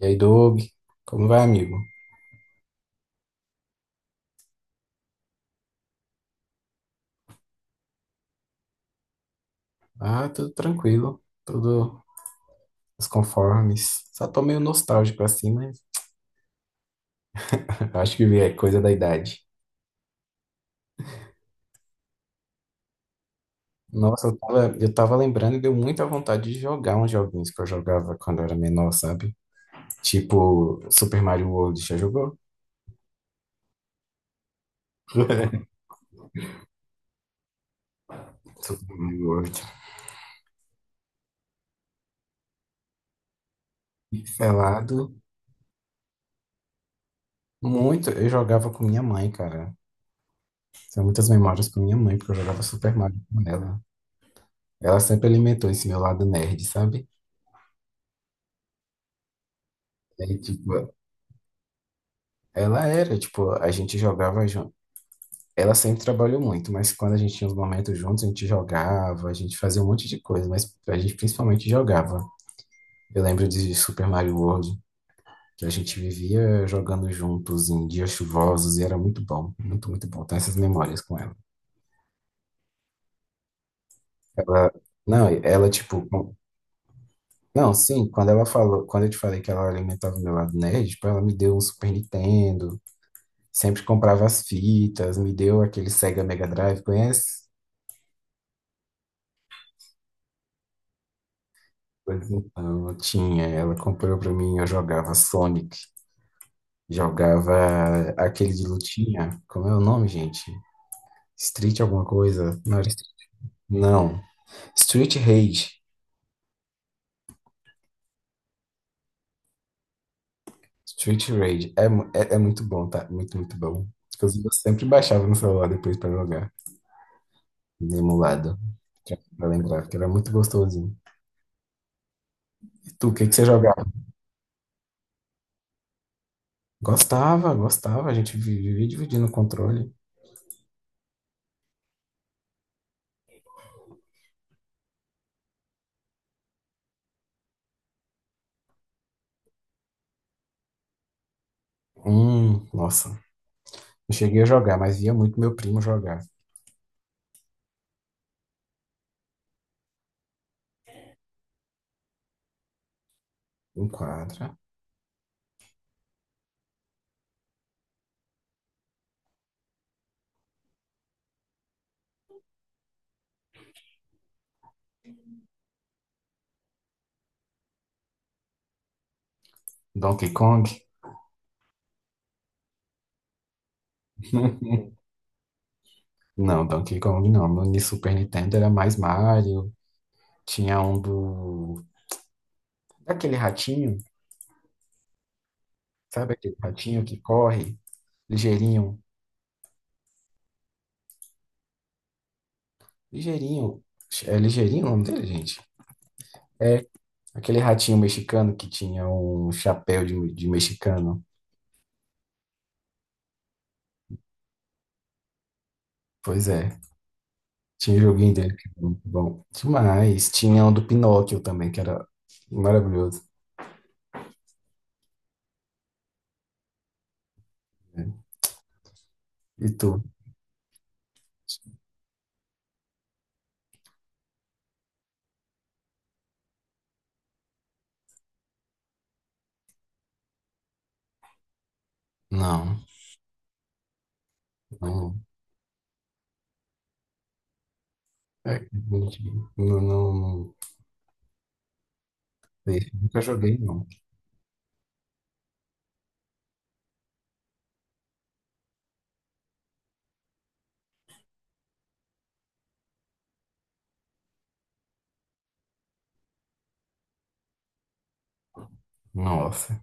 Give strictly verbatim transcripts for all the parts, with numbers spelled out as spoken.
E aí, Doug, como vai, amigo? Ah, tudo tranquilo, tudo nos conformes. Só tô meio nostálgico assim, mas acho que é coisa da idade. Nossa, eu tava, eu tava lembrando e deu muita vontade de jogar uns joguinhos que eu jogava quando eu era menor, sabe? Tipo Super Mario World, já jogou? Super Mario World. Pelado? Muito, eu jogava com minha mãe, cara. Tenho muitas memórias com minha mãe, porque eu jogava Super Mario com ela. Ela sempre alimentou esse meu lado nerd, sabe? Aí, tipo, ela era, tipo, a gente jogava junto. Ela sempre trabalhou muito, mas quando a gente tinha os momentos juntos, a gente jogava, a gente fazia um monte de coisa, mas a gente principalmente jogava. Eu lembro de Super Mario World, que a gente vivia jogando juntos em dias chuvosos e era muito bom, muito, muito bom. Tenho essas memórias com ela. Ela, não, ela, tipo, com- Não, sim, quando ela falou, quando eu te falei que ela alimentava o meu lado nerd, tipo, ela me deu um Super Nintendo, sempre comprava as fitas, me deu aquele Sega Mega Drive, conhece? Pois então, eu tinha, ela comprou pra mim, eu jogava Sonic, jogava aquele de lutinha, como é o nome, gente? Street alguma coisa? Não, era Street- não. Street Rage. Street Rage. É, mu- é, é muito bom, tá? Muito, muito bom. Inclusive, eu sempre baixava no celular depois pra jogar, emulado, pra lembrar, porque era muito gostosinho. E tu, o que que você jogava? Gostava, gostava, a gente vi- vivia dividindo o controle. Hum, nossa. Não cheguei a jogar, mas via muito meu primo jogar. Enquadra. Donkey Kong? Não, Donkey Kong não. No Ni- Super Nintendo era mais Mario. Tinha um do. Daquele ratinho, sabe aquele ratinho que corre? Ligeirinho. Ligeirinho. É ligeirinho o nome dele, gente? É aquele ratinho mexicano que tinha um chapéu de, de mexicano. Pois é. Tinha um joguinho dele que era muito bom. Demais. Tinha um do Pinóquio também, que era maravilhoso. Né? E tu? Não, não. É, gente, não, não, não sei. Nunca joguei, não. Nossa.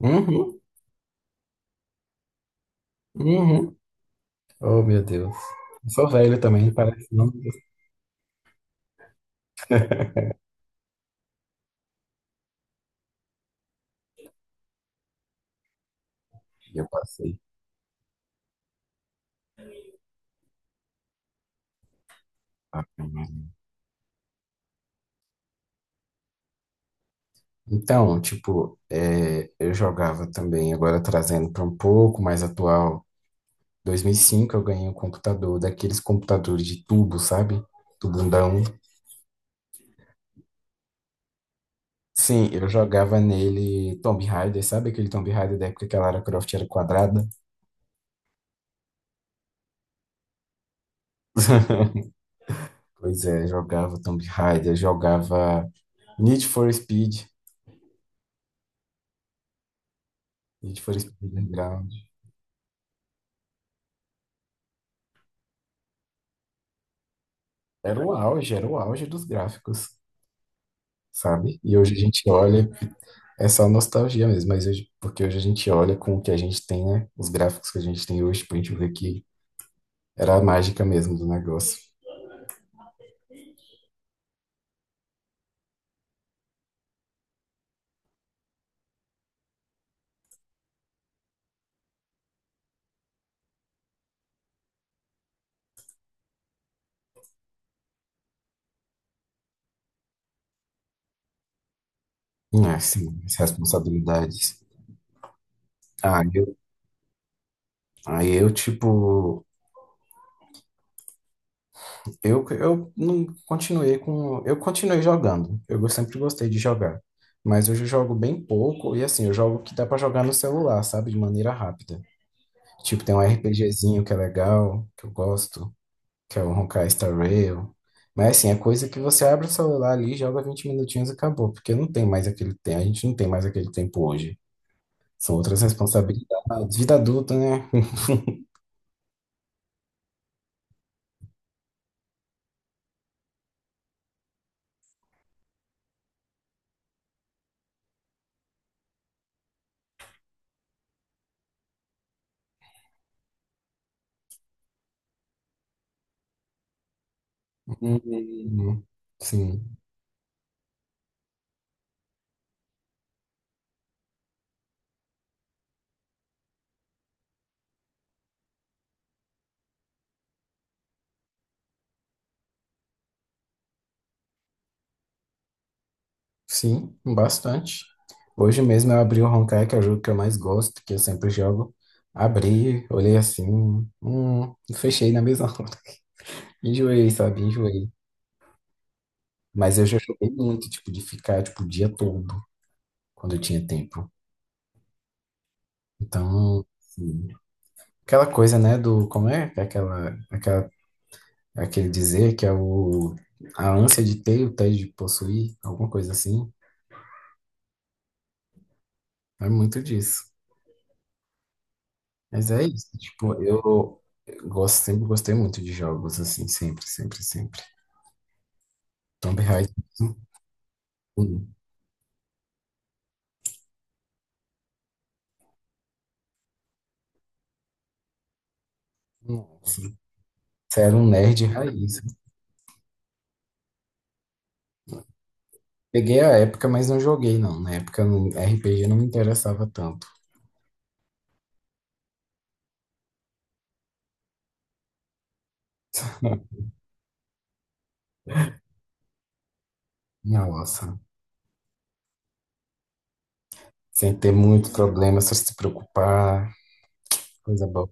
Uhum, uhum. Oh, meu Deus. Eu sou velho também, parece não. Eu passei. Então, tipo, é, eu jogava também, agora trazendo para um pouco mais atual. dois mil e cinco eu ganhei um computador, daqueles computadores de tubo, sabe? Tubundão. Sim, eu jogava nele Tomb Raider, sabe aquele Tomb Raider da época que a Lara Croft era quadrada? Pois é, jogava Tomb Raider, jogava Need for Speed, Need for Speed Underground. Era o auge, era o auge dos gráficos, sabe? E hoje a gente olha, é só nostalgia mesmo, mas hoje, porque hoje a gente olha com o que a gente tem, né? Os gráficos que a gente tem hoje, pra gente ver que era a mágica mesmo do negócio. Ah, sim, as responsabilidades. Ah, eu, aí eu, tipo, Eu, eu não continuei com. Eu continuei jogando. Eu go- sempre gostei de jogar. Mas hoje eu jogo bem pouco. E assim, eu jogo que dá pra jogar no celular, sabe? De maneira rápida. Tipo, tem um RPGzinho que é legal, que eu gosto, que é o Honkai Star Rail. Mas assim, é coisa que você abre o celular ali, joga vinte minutinhos e acabou. Porque não tem mais aquele tempo. A gente não tem mais aquele tempo hoje. São outras responsabilidades. Vida adulta, né? Hum, sim. Sim, bastante. Hoje mesmo eu abri o Honkai, que é o jogo que eu mais gosto, que eu sempre jogo. Abri, olhei assim, hum, e fechei na mesma hora. Enjoei, sabe? Enjoei. Mas eu já joguei muito, tipo, de ficar, tipo, o dia todo, quando eu tinha tempo. Então, assim, aquela coisa, né, do, como é? Aquela, aquela, aquele dizer que é o, a ânsia de ter, o tédio de possuir, alguma coisa assim. É muito disso. Mas é isso, tipo, eu eu gosto, sempre gostei muito de jogos, assim, sempre, sempre, sempre. Tomb Raider, um nossa, você era um nerd raiz. Peguei a época, mas não joguei, não. Na época, não- R P G não me interessava tanto. Nossa, sem ter muito problema, só se preocupar, coisa boa.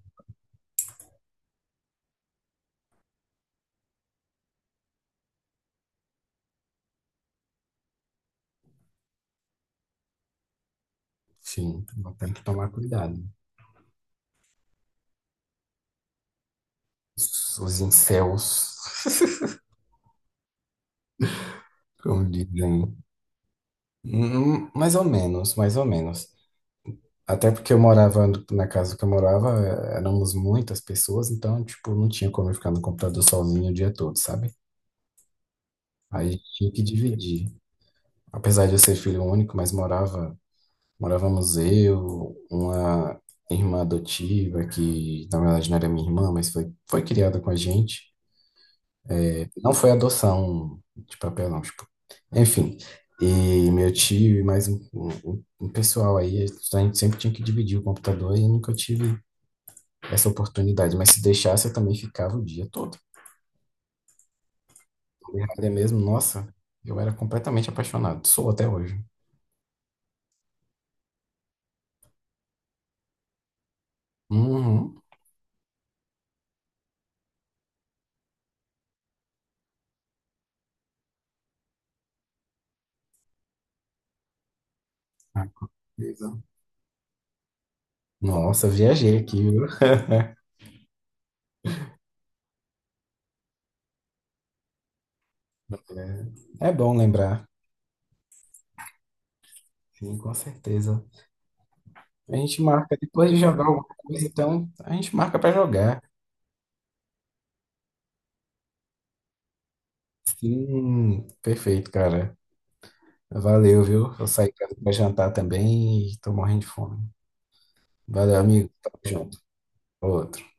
Enfim, então tem que tomar cuidado. Os os incels, como dizem. Hum, hum, Mais ou menos, mais ou menos. Até porque eu morava na casa que eu morava, é, éramos muitas pessoas, então, tipo, não tinha como eu ficar no computador sozinho o dia todo, sabe? Aí tinha que dividir. Apesar de eu ser filho único, mas morava, morávamos eu, uma irmã adotiva, que na verdade não era minha irmã, mas foi, foi criada com a gente. Não foi adoção de papel, não, tipo. Enfim. E meu tio e mais um, um, um pessoal aí, a gente sempre tinha que dividir o computador e eu nunca tive essa oportunidade, mas se deixasse eu também ficava o dia todo. É mesmo, nossa, eu era completamente apaixonado, sou até hoje. Uhum. Ah, beleza. Nossa, viajei aqui, viu? É, é bom lembrar, sim, com certeza. A gente marca depois de jogar alguma coisa, então a gente marca pra jogar. Sim, perfeito, cara. Valeu, viu? Eu saí pra pra jantar também e tô morrendo de fome. Valeu, amigo. Tamo junto. Outro.